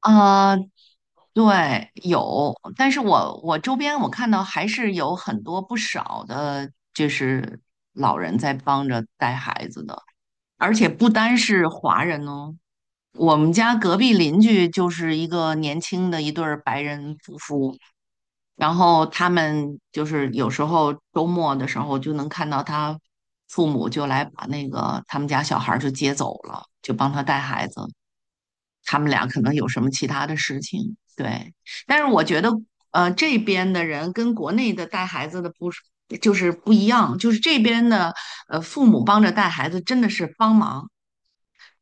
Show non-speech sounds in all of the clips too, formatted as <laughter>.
啊，对，有，但是我周边我看到还是有很多不少的，就是老人在帮着带孩子的，而且不单是华人哦。我们家隔壁邻居就是一个年轻的一对儿白人夫妇，然后他们就是有时候周末的时候就能看到他父母就来把那个他们家小孩儿就接走了，就帮他带孩子。他们俩可能有什么其他的事情。对，但是我觉得，这边的人跟国内的带孩子的不是就是不一样，就是这边的父母帮着带孩子真的是帮忙，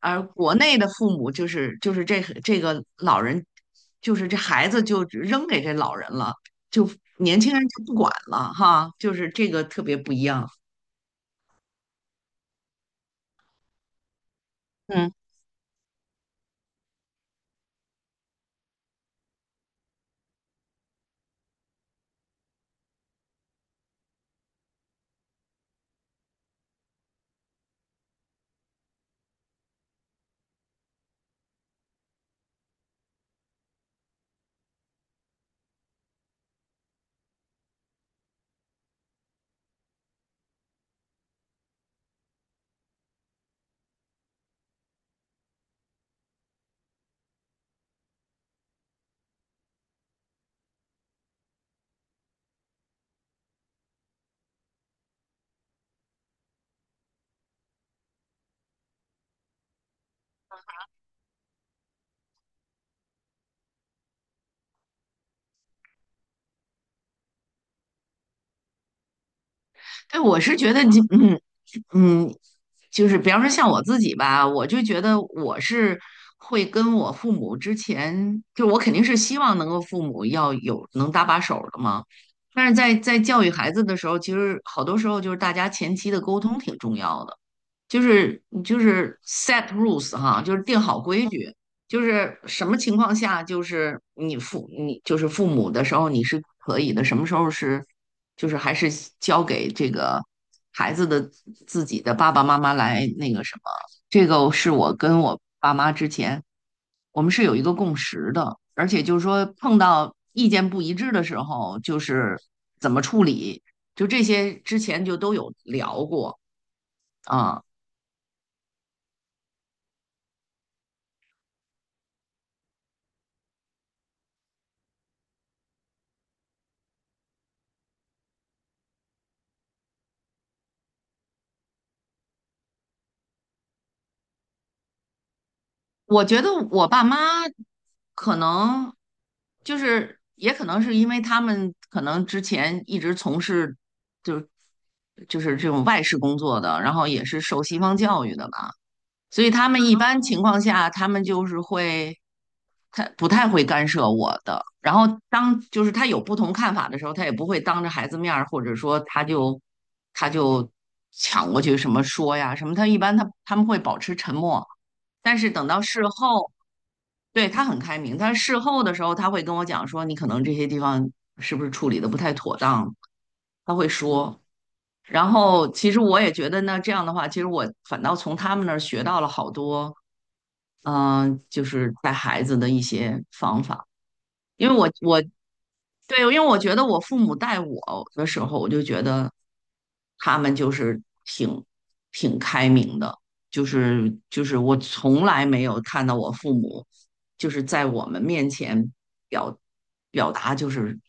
而国内的父母就是这个老人，就是这孩子就扔给这老人了，就年轻人就不管了哈，就是这个特别不一样。嗯。对，我是觉得你，嗯嗯，就是比方说像我自己吧，我就觉得我是会跟我父母之前，就我肯定是希望能够父母要有能搭把手儿的嘛。但是在教育孩子的时候，其实好多时候就是大家前期的沟通挺重要的。就是你就是 set rules 哈，就是定好规矩，就是什么情况下就是你父你就是父母的时候你是可以的，什么时候是就是还是交给这个孩子的自己的爸爸妈妈来那个什么，这个是我跟我爸妈之前我们是有一个共识的，而且就是说碰到意见不一致的时候，就是怎么处理，就这些之前就都有聊过啊。我觉得我爸妈可能就是，也可能是因为他们可能之前一直从事就是就是这种外事工作的，然后也是受西方教育的吧，所以他们一般情况下，他们就是会他不太会干涉我的。然后当就是他有不同看法的时候，他也不会当着孩子面儿，或者说他就抢过去什么说呀什么，他一般他们会保持沉默。但是等到事后，对，他很开明，但是事后的时候他会跟我讲说，你可能这些地方是不是处理的不太妥当，他会说。然后其实我也觉得呢，这样的话，其实我反倒从他们那儿学到了好多，嗯、就是带孩子的一些方法。因为我对，因为我觉得我父母带我的时候，我就觉得他们就是挺开明的，就是我从来没有看到我父母就是在我们面前表表达就是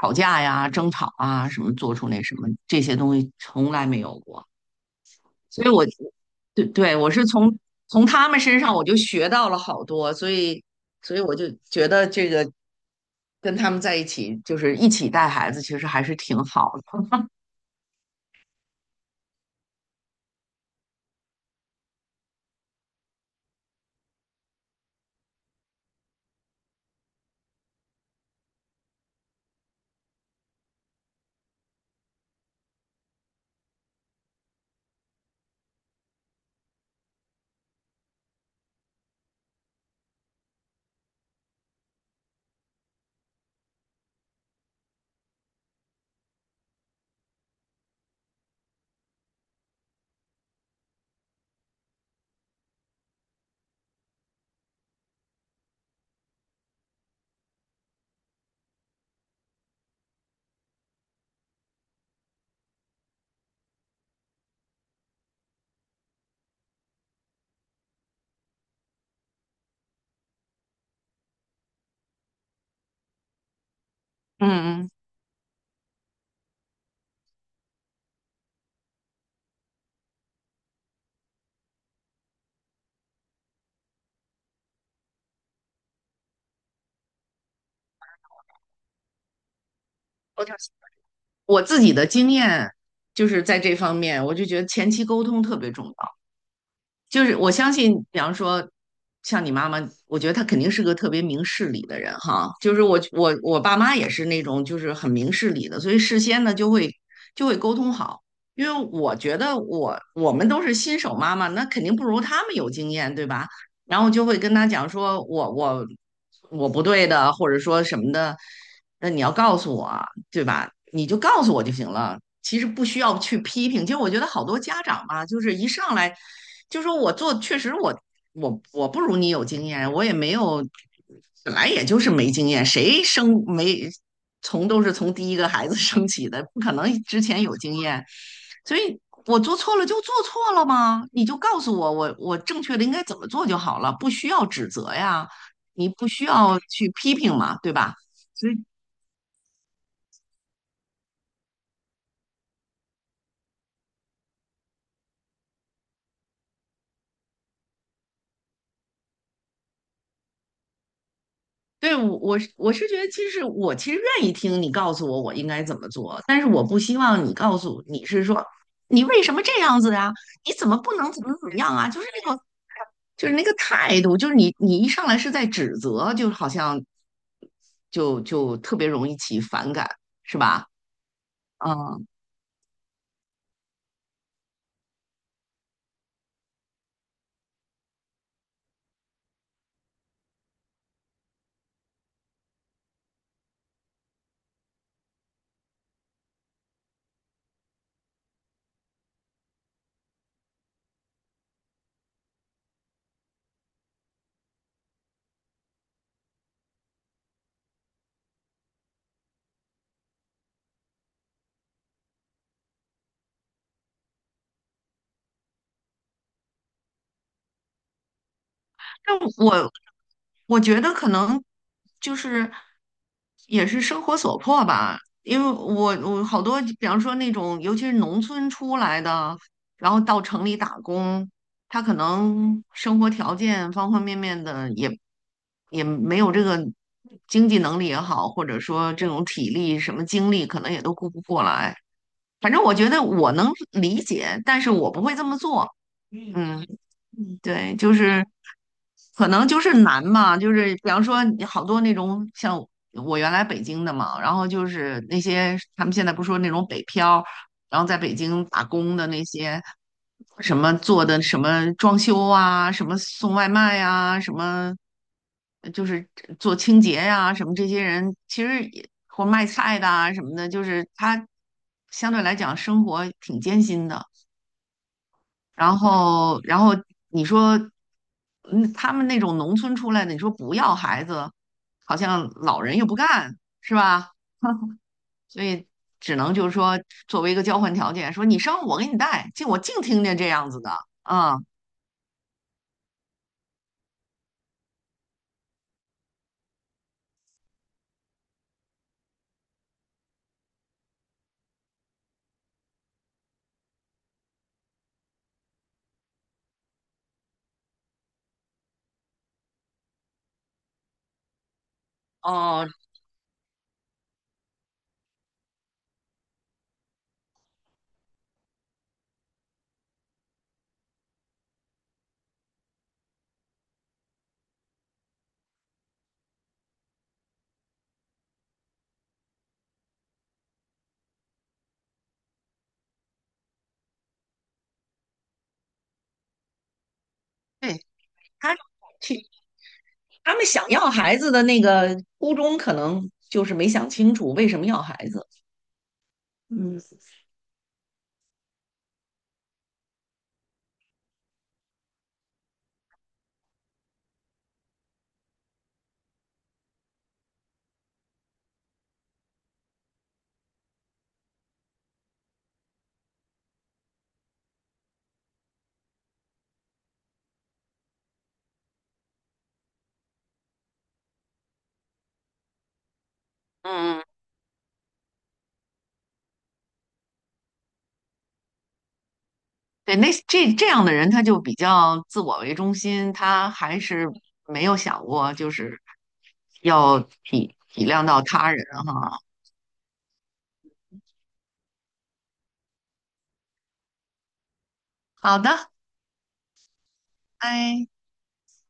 吵架呀、争吵啊什么，做出那什么这些东西从来没有过。所以我对对，我是从他们身上我就学到了好多，所以所以我就觉得这个跟他们在一起，就是一起带孩子，其实还是挺好的。嗯嗯，我就我自己的经验就是在这方面，我就觉得前期沟通特别重要。就是我相信，比方说像你妈妈，我觉得她肯定是个特别明事理的人哈。就是我爸妈也是那种就是很明事理的，所以事先呢就会沟通好。因为我觉得我们都是新手妈妈，那肯定不如他们有经验，对吧？然后就会跟他讲说我不对的，或者说什么的，那你要告诉我啊，对吧？你就告诉我就行了。其实不需要去批评。其实我觉得好多家长吧，就是一上来就说我做，确实我不如你有经验，我也没有，本来也就是没经验，谁生没从都是从第一个孩子 <laughs> 生起的，不可能之前有经验，所以。我做错了就做错了吗？你就告诉我，我正确的应该怎么做就好了，不需要指责呀，你不需要去批评嘛，对吧？所以对，我是觉得，其实我其实愿意听你告诉我我应该怎么做，但是我不希望你告诉你是说你为什么这样子啊？你怎么不能怎么怎么样啊？就是那种就是那个态度，就是你一上来是在指责，就好像就特别容易起反感，是吧？嗯，但我觉得可能就是也是生活所迫吧，因为我我好多，比方说那种尤其是农村出来的，然后到城里打工，他可能生活条件方方面面的也没有这个经济能力也好，或者说这种体力什么精力，可能也都顾不过来。反正我觉得我能理解，但是我不会这么做。嗯。嗯，对，就是可能就是难嘛，就是比方说你好多那种像我原来北京的嘛，然后就是那些他们现在不是说那种北漂，然后在北京打工的那些什么做的什么装修啊，什么送外卖呀、什么就是做清洁呀、什么这些人其实也或卖菜的啊什么的，就是他相对来讲生活挺艰辛的。然后，然后你说，嗯，他们那种农村出来的，你说不要孩子，好像老人又不干，是吧？<laughs> 所以只能就是说，作为一个交换条件，说你生我给你带，净我净听见这样子的啊。哦，对，他去，他们想要孩子的那个初衷，可能就是没想清楚为什么要孩子。嗯。嗯。对，那这这样的人，他就比较自我为中心，他还是没有想过就是要体体谅到他人哈。好的，拜。